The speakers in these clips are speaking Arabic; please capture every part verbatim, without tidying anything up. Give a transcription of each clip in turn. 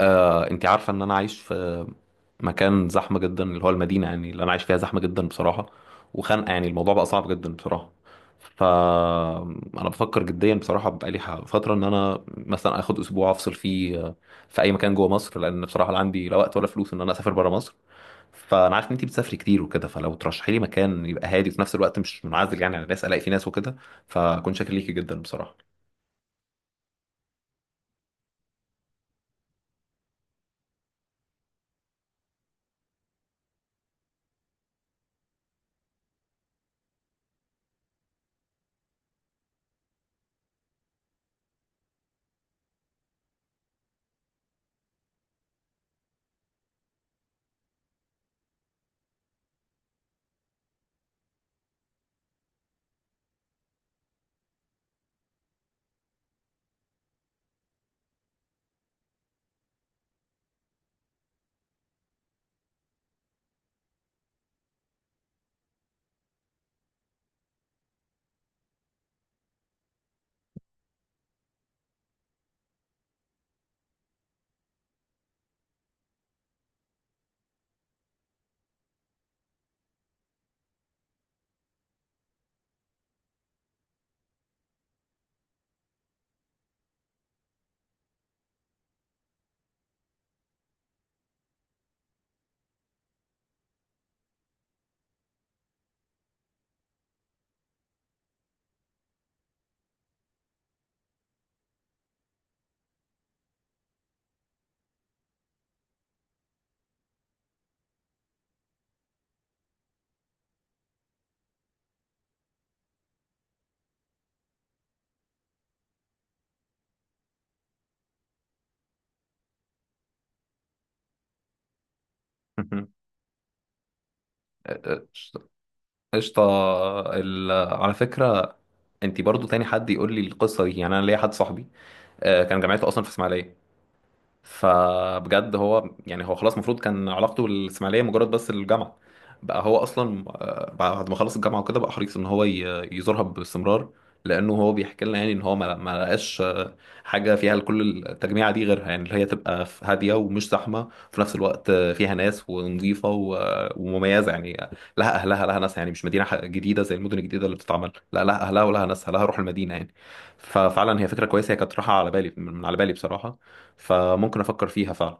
آه، انت عارفة ان انا عايش في مكان زحمة جدا، اللي هو المدينة، يعني اللي انا عايش فيها زحمة جدا بصراحة وخانقة. يعني الموضوع بقى صعب جدا بصراحة. ف انا بفكر جديا بصراحة، بقالي ح- فترة ان انا مثلا اخد اسبوع افصل فيه آه، في اي مكان جوه مصر، لان بصراحة لا عندي لا وقت ولا فلوس ان انا اسافر بره مصر. فانا عارف ان انت بتسافري كتير وكده، فلو ترشحي لي مكان يبقى هادي وفي نفس الوقت مش منعزل يعني على الناس، الاقي فيه ناس وكده، فكنت شاكر ليكي جدا بصراحة. قشطة، قشطة. ال- على فكرة، انت برضو تاني حد يقول لي القصه دي. يعني انا ليا حد صاحبي آه، كان جامعته اصلا في اسماعيليه. فبجد هو، يعني هو خلاص المفروض كان علاقته بالاسماعيليه مجرد بس الجامعه، بقى هو اصلا آه، بعد ما خلص الجامعه وكده بقى حريص ان هو ي- يزورها باستمرار، لانه هو بيحكي لنا يعني ان هو ما ما لقاش آه، حاجه فيها كل التجميعه دي غيرها، يعني اللي هي تبقى ف- هاديه ومش زحمه وفي نفس الوقت آه، فيها ناس، ونظيفه و- ومميزه يعني، لها اهلها لها ناسها، يعني مش مدينه ح- جديده زي المدن الجديده اللي بتتعمل، لا لها اهلها ولها ناسها، لها روح المدينه يعني. ففعلا هي فكره كويسه، هي كانت راحه على بالي، من من على بالي بصراحه، فممكن افكر فيها فعلا.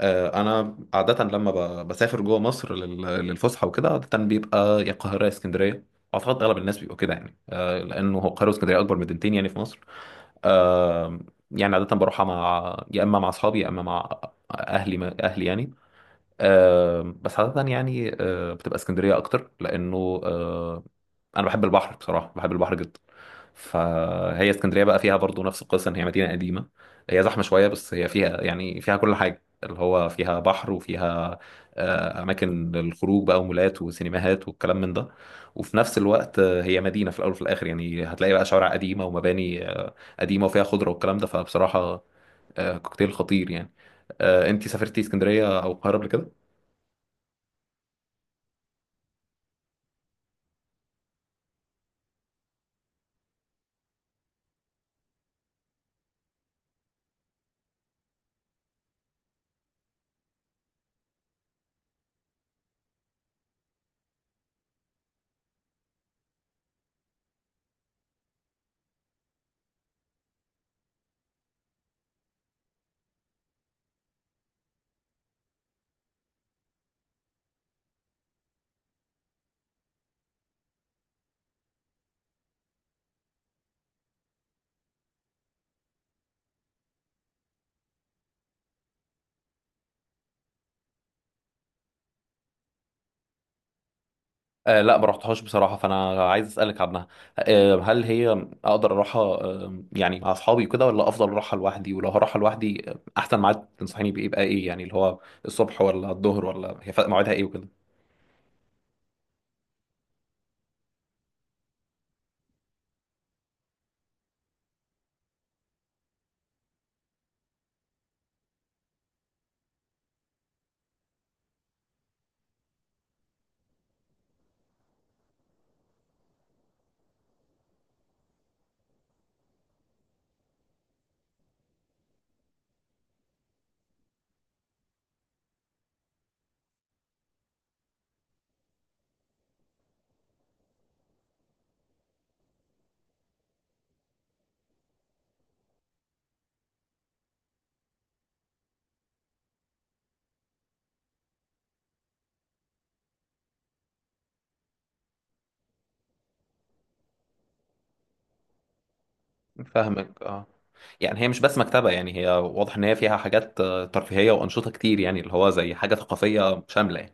آه، انا عاده لما ب- بسافر جوه مصر لل- للفسحه وكده، عاده بيبقى يا القاهره يا اسكندريه. اعتقد اغلب الناس بيبقوا كده، يعني آه، لانه هو القاهره واسكندريه اكبر مدينتين يعني في مصر. آه، يعني عاده بروحها مع يا اما مع اصحابي يا اما مع اهلي، اهلي يعني. آه بس عادة يعني آه بتبقى اسكندرية أكتر، لأنه آه أنا بحب البحر بصراحة، بحب البحر جدا. فهي اسكندرية بقى فيها برضو نفس القصة، إن هي مدينة قديمة. هي زحمة شوية بس هي فيها، يعني فيها كل حاجة، اللي هو فيها بحر وفيها آه أماكن للخروج بقى ومولات وسينماهات والكلام من ده. وفي نفس الوقت آه، هي مدينة في الأول وفي الآخر، يعني هتلاقي بقى شوارع قديمة ومباني آه قديمة وفيها خضرة والكلام ده، فبصراحة آه كوكتيل خطير يعني. آه أنت سافرتي اسكندرية أو القاهرة قبل كده؟ آه لا، ما رحتهاش بصراحة، فأنا عايز أسألك عنها. آه هل هي أقدر أروحها آه يعني مع أصحابي كده ولا أفضل أروحها لوحدي؟ ولو هروحها لوحدي آه، أحسن ميعاد تنصحيني بإيه؟ يبقى إيه يعني، اللي هو الصبح ولا الظهر، ولا هي فا- موعدها إيه وكده؟ فاهمك. أه يعني هي مش بس مكتبة، يعني هي واضح إن هي فيها حاجات آه، ترفيهية وأنشطة كتير، يعني اللي هو زي حاجة ثقافية شاملة يعني.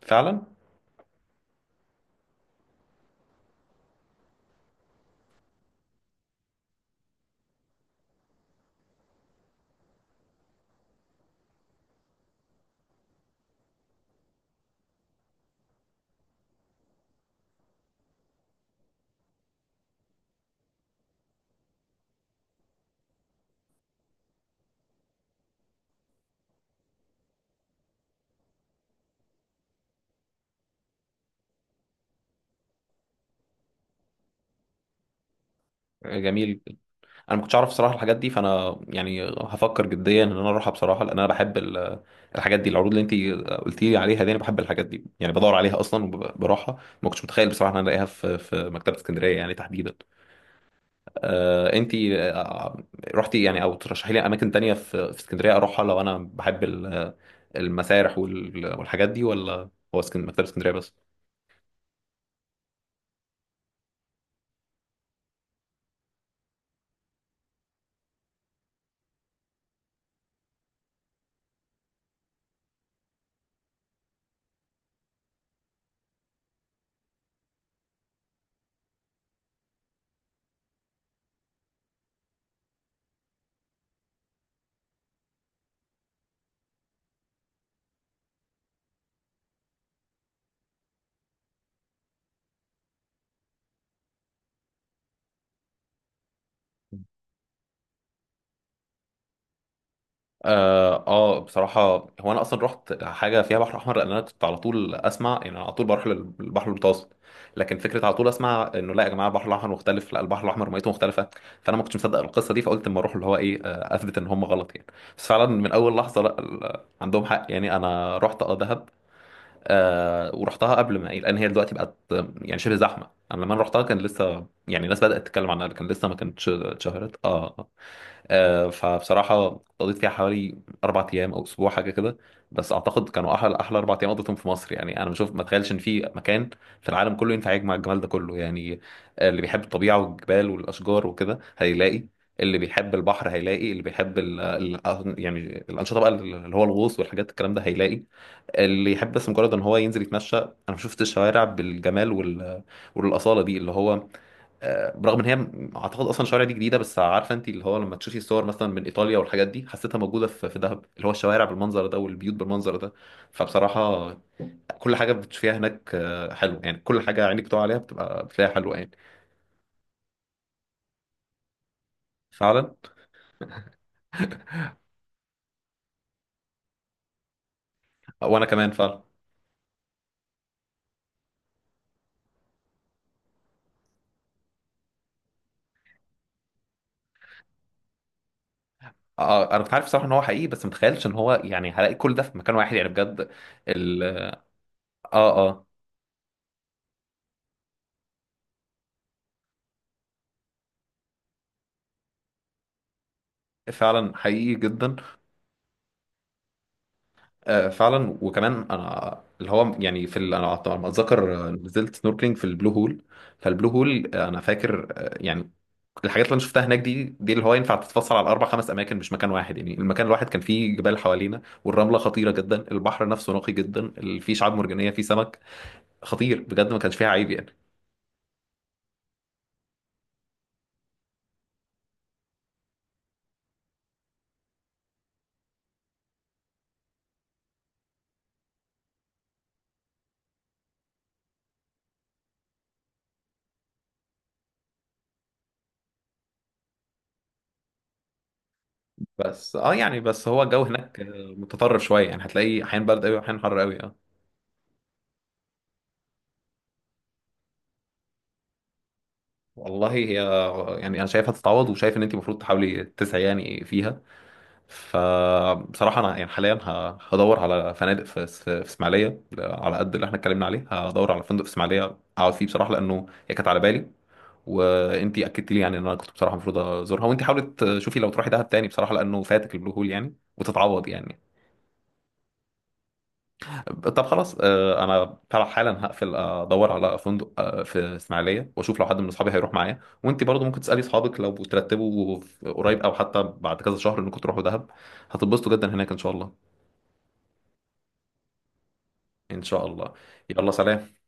فعلا. آه، جميل. انا ما كنتش اعرف صراحه الحاجات دي. فانا يعني هفكر جديا ان انا اروحها بصراحه، لان انا بحب ال- الحاجات دي، العروض اللي انت قلتي لي عليها دي، انا بحب الحاجات دي يعني، بدور عليها اصلا وبروحها. ما كنتش متخيل بصراحه ان انا الاقيها في في مكتبه اسكندريه يعني تحديدا. آه انت آه، رحتي يعني، او ترشحي لي اماكن تانية في في اسكندريه اروحها، لو انا بحب ال- المسارح وال- والحاجات دي، ولا هو اسكن- مكتبه اسكندريه بس؟ اه آه، بصراحة، هو انا اصلا رحت حاجة فيها بحر احمر، لان انا كنت على طول اسمع، يعني أنا على طول بروح للبحر المتوسط، لكن فكرة على طول اسمع انه لا يا جماعة البحر الاحمر مختلف، لا، البحر الاحمر ميته مختلفة. فانا ما كنتش مصدق القصة دي، فقلت اما اروح اللي هو ايه آه، اثبت ان هم غلط يعني. بس فعلا من اول لحظة، لا ال- عندهم حق يعني. انا رحت اه دهب، آه ورحتها قبل ما إيه، لان هي دلوقتي بقت آه، يعني شبه زحمة. انا لما انا رحتها كان لسه يعني الناس بدأت تتكلم عنها، كان لسه ما كانتش اتشهرت اه آه. آه، فبصراحة قضيت فيها حوالي أربع أيام أو أسبوع حاجة كده. بس أعتقد كانوا أحلى، أحلى أربع أيام قضيتهم في مصر يعني. أنا بشوف، ما أتخيلش إن في مكان في العالم كله ينفع يجمع الجمال ده كله يعني. آه، اللي بيحب الطبيعة والجبال والأشجار وكده هيلاقي، اللي بيحب البحر هيلاقي، اللي بيحب ال ال يعني الأنشطة بقى، اللي هو الغوص والحاجات الكلام ده هيلاقي، اللي يحب بس مجرد إن هو ينزل يتمشى. أنا شفت الشوارع بالجمال وال والأصالة دي، اللي هو آه، برغم ان هي م- اعتقد اصلا الشوارع دي جديده، بس عارفه انت، اللي هو لما تشوفي الصور مثلا من ايطاليا والحاجات دي، حسيتها موجوده في في دهب، اللي هو الشوارع بالمنظر ده والبيوت بالمنظر ده. فبصراحه كل حاجه بتشوفيها هناك آه، حلو يعني، كل حاجه عينك بتقع عليها بتبقى بتلاقيها حلوه يعني. فعلا. وانا كمان فعلا. آه، آه، انا كنت عارف صراحه ان هو حقيقي، بس متخيلش ان هو يعني هلاقي كل ده في مكان واحد يعني، بجد. ال اه اه فعلا حقيقي جدا. آه، فعلا. وكمان انا اللي هو يعني في ال... انا على ما اتذكر آه، نزلت سنوركلينج في البلو هول. فالبلو هول آه، انا فاكر آه، يعني الحاجات اللي انا شفتها هناك دي دي، اللي هو ينفع تتفصل على اربع خمس اماكن مش مكان واحد. يعني المكان الواحد كان فيه جبال حوالينا والرمله خطيره جدا، البحر نفسه نقي جدا، ال- فيه شعاب مرجانيه، فيه سمك خطير بجد، ما كانش فيها عيب يعني. بس اه يعني بس هو الجو هناك آه، متطرف شويه، يعني هتلاقي احيان برد قوي واحيان حر قوي اه والله هي آه، يعني انا شايفها تتعوض، وشايف ان انت المفروض تحاولي تسعي يعني فيها. فبصراحة أنا يعني حاليا ه- هدور على فنادق في اس- في إسماعيلية، على قد اللي احنا اتكلمنا عليه، هدور على فندق في إسماعيلية أقعد فيه بصراحة، لأنه هي كانت على بالي وأنتي أكدت لي يعني إن أنا كنت بصراحة المفروض أزورها. وأنتي حاولت تشوفي لو تروحي دهب تاني بصراحة، لأنه فاتك البلو هول يعني، وتتعوض يعني. طب خلاص، آه، أنا فعلا حالا هقفل، آه، أدور على فندق آه، في إسماعيلية، وأشوف لو حد من أصحابي هيروح معايا. وأنتي برضه ممكن تسألي أصحابك لو ترتبوا قريب أو حتى بعد كذا شهر إنكم تروحوا دهب، هتتبسطوا جدا هناك إن شاء الله. ان شاء الله. يلا، سلام.